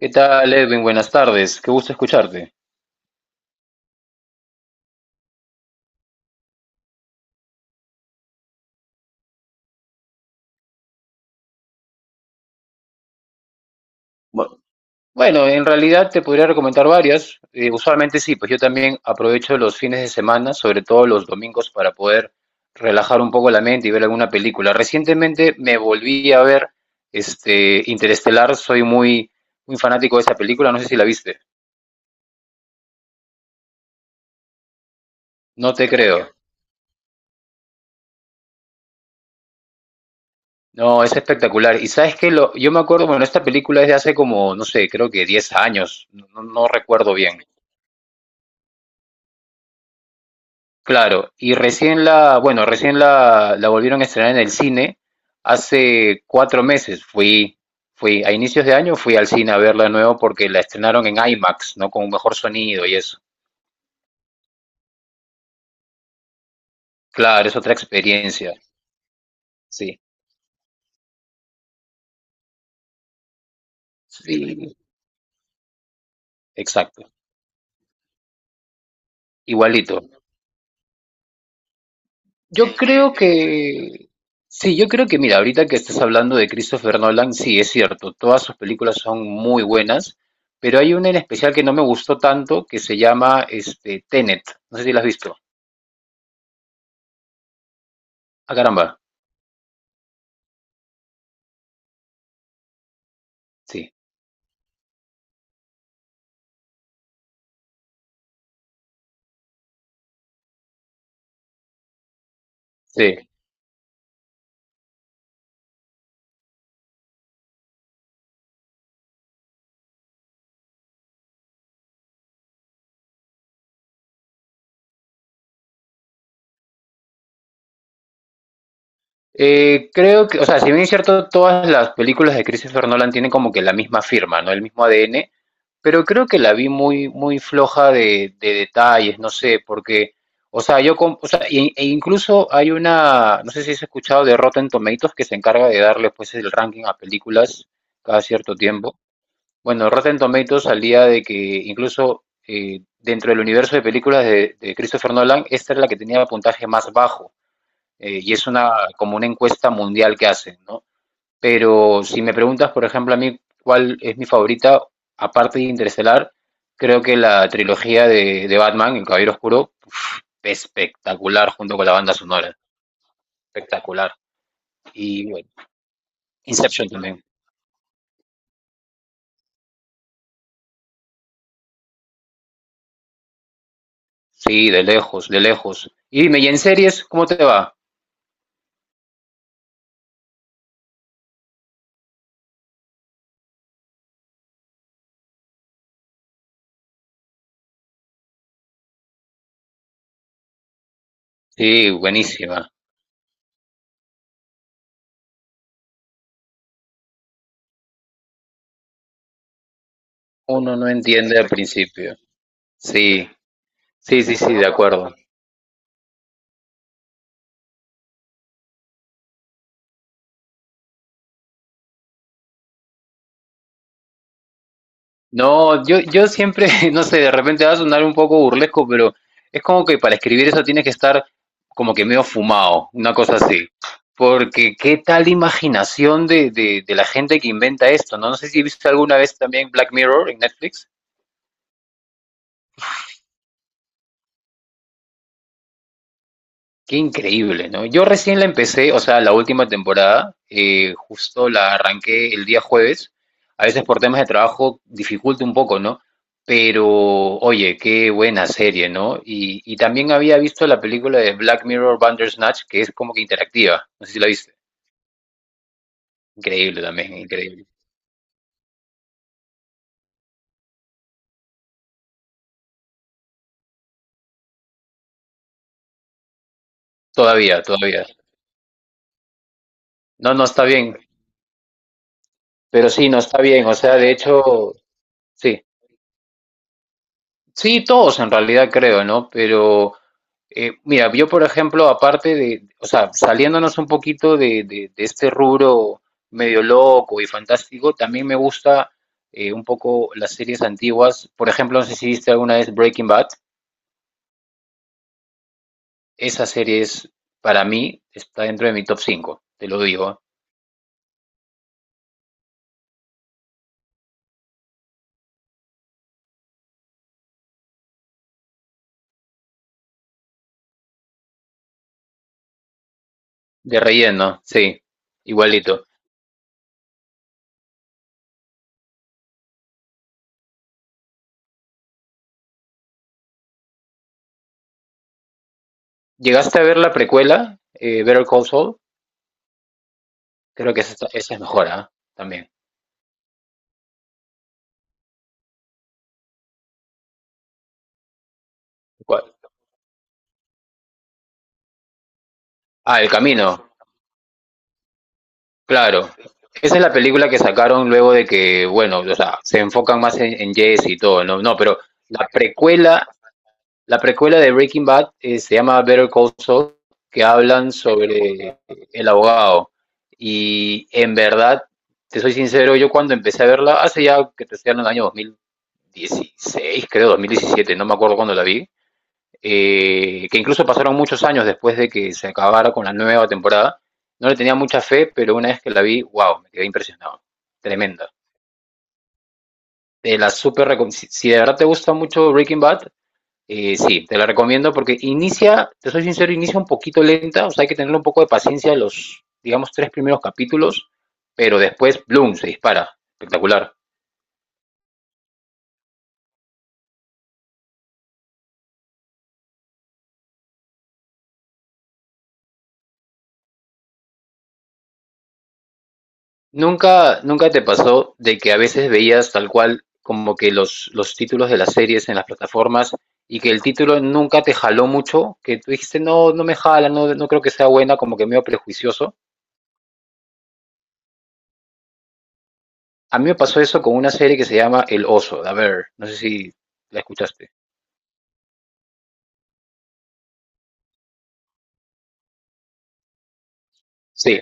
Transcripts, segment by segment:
¿Qué tal, Edwin? Buenas tardes. Qué gusto escucharte. Bu- Bueno, en realidad te podría recomendar varias. Usualmente sí, pues yo también aprovecho los fines de semana, sobre todo los domingos, para poder relajar un poco la mente y ver alguna película. Recientemente me volví a ver este Interestelar. Soy muy, muy fanático de esa película. No sé si la viste. No te creo. No, es espectacular. Y sabes que yo me acuerdo, bueno, esta película es de hace como, no sé, creo que 10 años. No recuerdo bien. Claro, y bueno, recién la volvieron a estrenar en el cine hace cuatro meses. Fui a inicios de año, fui al cine a verla de nuevo porque la estrenaron en IMAX, ¿no? Con un mejor sonido y eso. Claro, es otra experiencia. Sí, sí, exacto. Igualito. Yo creo que, sí, yo creo que, mira, ahorita que estás hablando de Christopher Nolan, sí, es cierto, todas sus películas son muy buenas, pero hay una en especial que no me gustó tanto, que se llama este, Tenet, no sé si la has visto. Ah, caramba, sí, sí. Creo que, o sea, si bien es cierto, todas las películas de Christopher Nolan tienen como que la misma firma, ¿no? El mismo ADN, pero creo que la vi muy, muy floja de detalles, no sé, porque, o sea, o sea, e incluso hay una, no sé si has escuchado de Rotten Tomatoes que se encarga de darle pues el ranking a películas cada cierto tiempo. Bueno, Rotten Tomatoes salía de que incluso dentro del universo de películas de Christopher Nolan, esta es la que tenía el puntaje más bajo, y es una, como una encuesta mundial que hacen, ¿no? Pero si me preguntas, por ejemplo, a mí cuál es mi favorita, aparte de Interestelar, creo que la trilogía de Batman, El Caballero Oscuro, espectacular junto con la banda sonora. Espectacular. Y bueno, Inception también. Sí, de lejos, de lejos. Y dime, ¿y en series cómo te va? Sí, buenísima. Uno no entiende al principio. Sí, sí, sí, sí, de acuerdo. No, yo siempre, no sé, de repente va a sonar un poco burlesco, pero es como que para escribir eso tienes que estar como que medio fumado, una cosa así. Porque qué tal imaginación de, de la gente que inventa esto, ¿no? No sé si viste alguna vez también Black Mirror en Netflix. Qué increíble, ¿no? Yo recién la empecé, o sea, la última temporada, justo la arranqué el día jueves. A veces por temas de trabajo dificulta un poco, ¿no? Pero, oye, qué buena serie, ¿no? Y también había visto la película de Black Mirror Bandersnatch, que es como que interactiva. No sé si la viste. Increíble también, increíble. Todavía, todavía. No, no está bien, pero sí, no está bien. O sea, de hecho, sí. Sí, todos en realidad creo, ¿no? Pero... Mira, yo por ejemplo, aparte de, o sea, saliéndonos un poquito de, de este rubro medio loco y fantástico, también me gusta un poco las series antiguas. Por ejemplo, no sé si viste alguna vez Breaking Bad. Esa serie es, para mí, está dentro de mi top 5. Te lo digo. De relleno, sí, igualito. ¿Llegaste a ver la precuela, Better Call Saul? Creo que esa es mejor, ¿ah? También. ¿Cuál? Ah, El Camino. Claro. Esa es la película que sacaron luego de que, bueno, o sea, se enfocan más en Jesse y todo, ¿no? No, pero la precuela, la precuela de Breaking Bad se llama Better Call Saul, que hablan sobre el abogado. Y en verdad, te soy sincero, yo cuando empecé a verla, hace ya que te estoy hablando del año 2016, creo, 2017, no me acuerdo cuándo la vi, que incluso pasaron muchos años después de que se acabara con la nueva temporada. No le tenía mucha fe, pero una vez que la vi, wow, me quedé impresionado. Tremenda. Te la super recom- Si, si de verdad te gusta mucho Breaking Bad, sí, te la recomiendo porque inicia, te soy sincero, inicia un poquito lenta, o sea, hay que tener un poco de paciencia los, digamos, tres primeros capítulos, pero después, bloom, se dispara. Espectacular. Nunca te pasó de que a veces veías tal cual como que los títulos de las series en las plataformas y que el título nunca te jaló mucho? Que tú dijiste, no, no me jala, no, no creo que sea buena, como que medio prejuicioso. A mí me pasó eso con una serie que se llama El Oso. A ver, no sé si la escuchaste. Sí,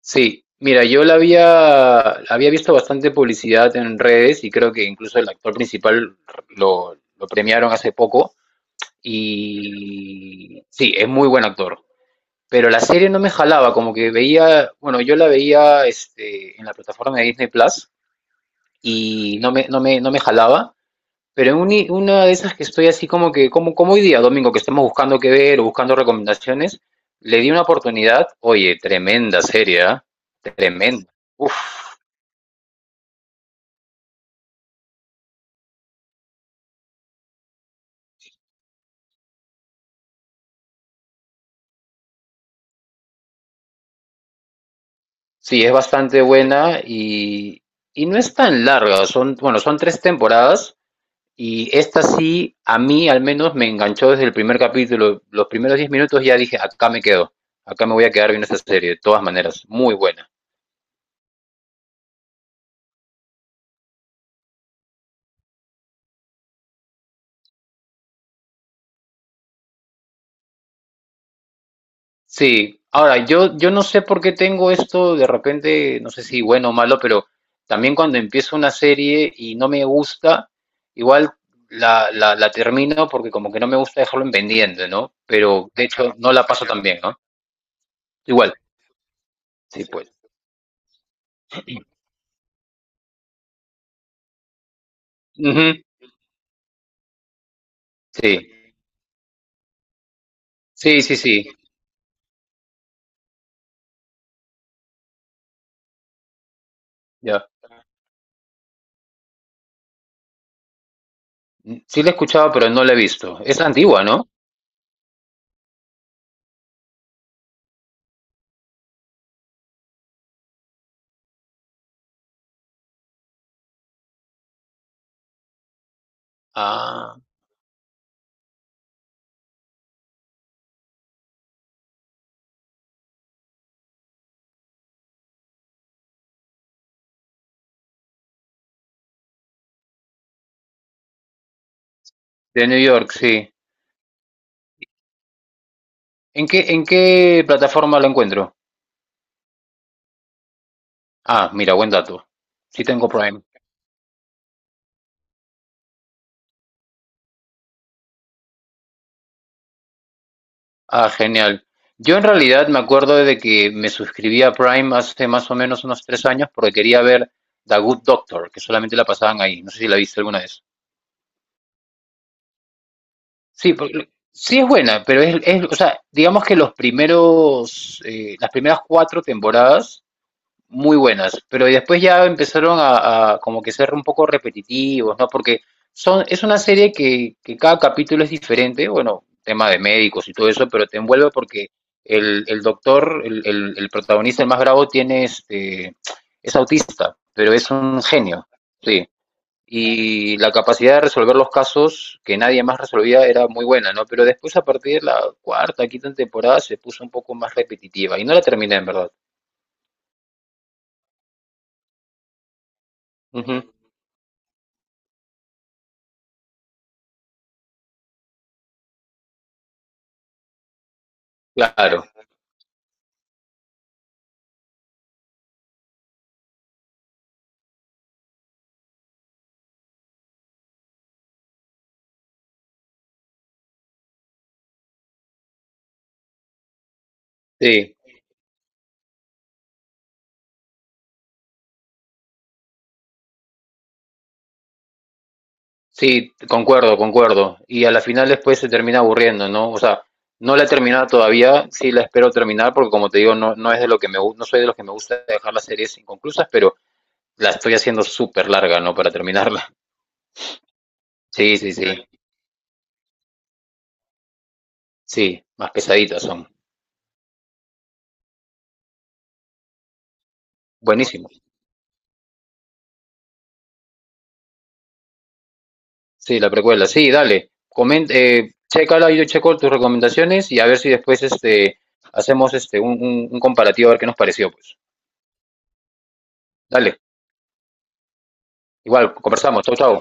sí. Mira, había visto bastante publicidad en redes y creo que incluso el actor principal lo premiaron hace poco. Y sí, es muy buen actor. Pero la serie no me jalaba, como que veía, bueno, yo la veía este, en la plataforma de Disney Plus y no me jalaba. Pero en una de esas que estoy así como que, como, como hoy día, domingo, que estamos buscando qué ver o buscando recomendaciones, le di una oportunidad. Oye, tremenda serie, ¿ah? Tremenda. Uf, sí, es bastante buena y no es tan larga. Son, bueno, son tres temporadas. Y esta sí, a mí al menos me enganchó desde el primer capítulo. Los primeros 10 minutos ya dije, acá me quedo. Acá me voy a quedar viendo esta serie, de todas maneras. Muy buena. Sí, ahora yo no sé por qué tengo esto de repente, no sé si bueno o malo, pero también cuando empiezo una serie y no me gusta, igual la termino porque como que no me gusta dejarlo en pendiente, ¿no? Pero de hecho no la paso tan bien, ¿no? Igual, sí, pues. Ujú. Sí, sí, sí, sí. Ya. Sí la he escuchado, pero no la he visto. Es antigua, ¿no? Ah, de New York, sí. En qué plataforma la encuentro? Ah, mira, buen dato. Sí tengo Prime. Ah, genial. Yo en realidad me acuerdo de que me suscribí a Prime hace más o menos unos tres años porque quería ver The Good Doctor, que solamente la pasaban ahí. No sé si la viste alguna vez. Sí, sí es buena, pero o sea, digamos que los primeros, las primeras cuatro temporadas muy buenas, pero después ya empezaron a como que ser un poco repetitivos, ¿no? Porque son, es una serie que cada capítulo es diferente, bueno, tema de médicos y todo eso, pero te envuelve porque el doctor, el protagonista, el más bravo, tiene este, es autista, pero es un genio, sí. Y la capacidad de resolver los casos que nadie más resolvía era muy buena, ¿no? Pero después, a partir de la cuarta, quinta temporada, se puso un poco más repetitiva y no la terminé, en verdad. Ujú. Claro. Sí, sí, concuerdo, concuerdo. Y a la final después se termina aburriendo, ¿no? O sea, no la he terminado todavía, sí la espero terminar porque como te digo, no, no es de lo que no soy de los que me gusta dejar las series inconclusas, pero la estoy haciendo súper larga, ¿no? Para terminarla. Sí, sí, sí. Sí, más pesaditas son. Buenísimo. Sí, la precuela. Sí, dale. Comenta, chécala, yo checo tus recomendaciones y a ver si después este hacemos este un comparativo a ver qué nos pareció, pues. Dale. Igual, conversamos. Chau, chau.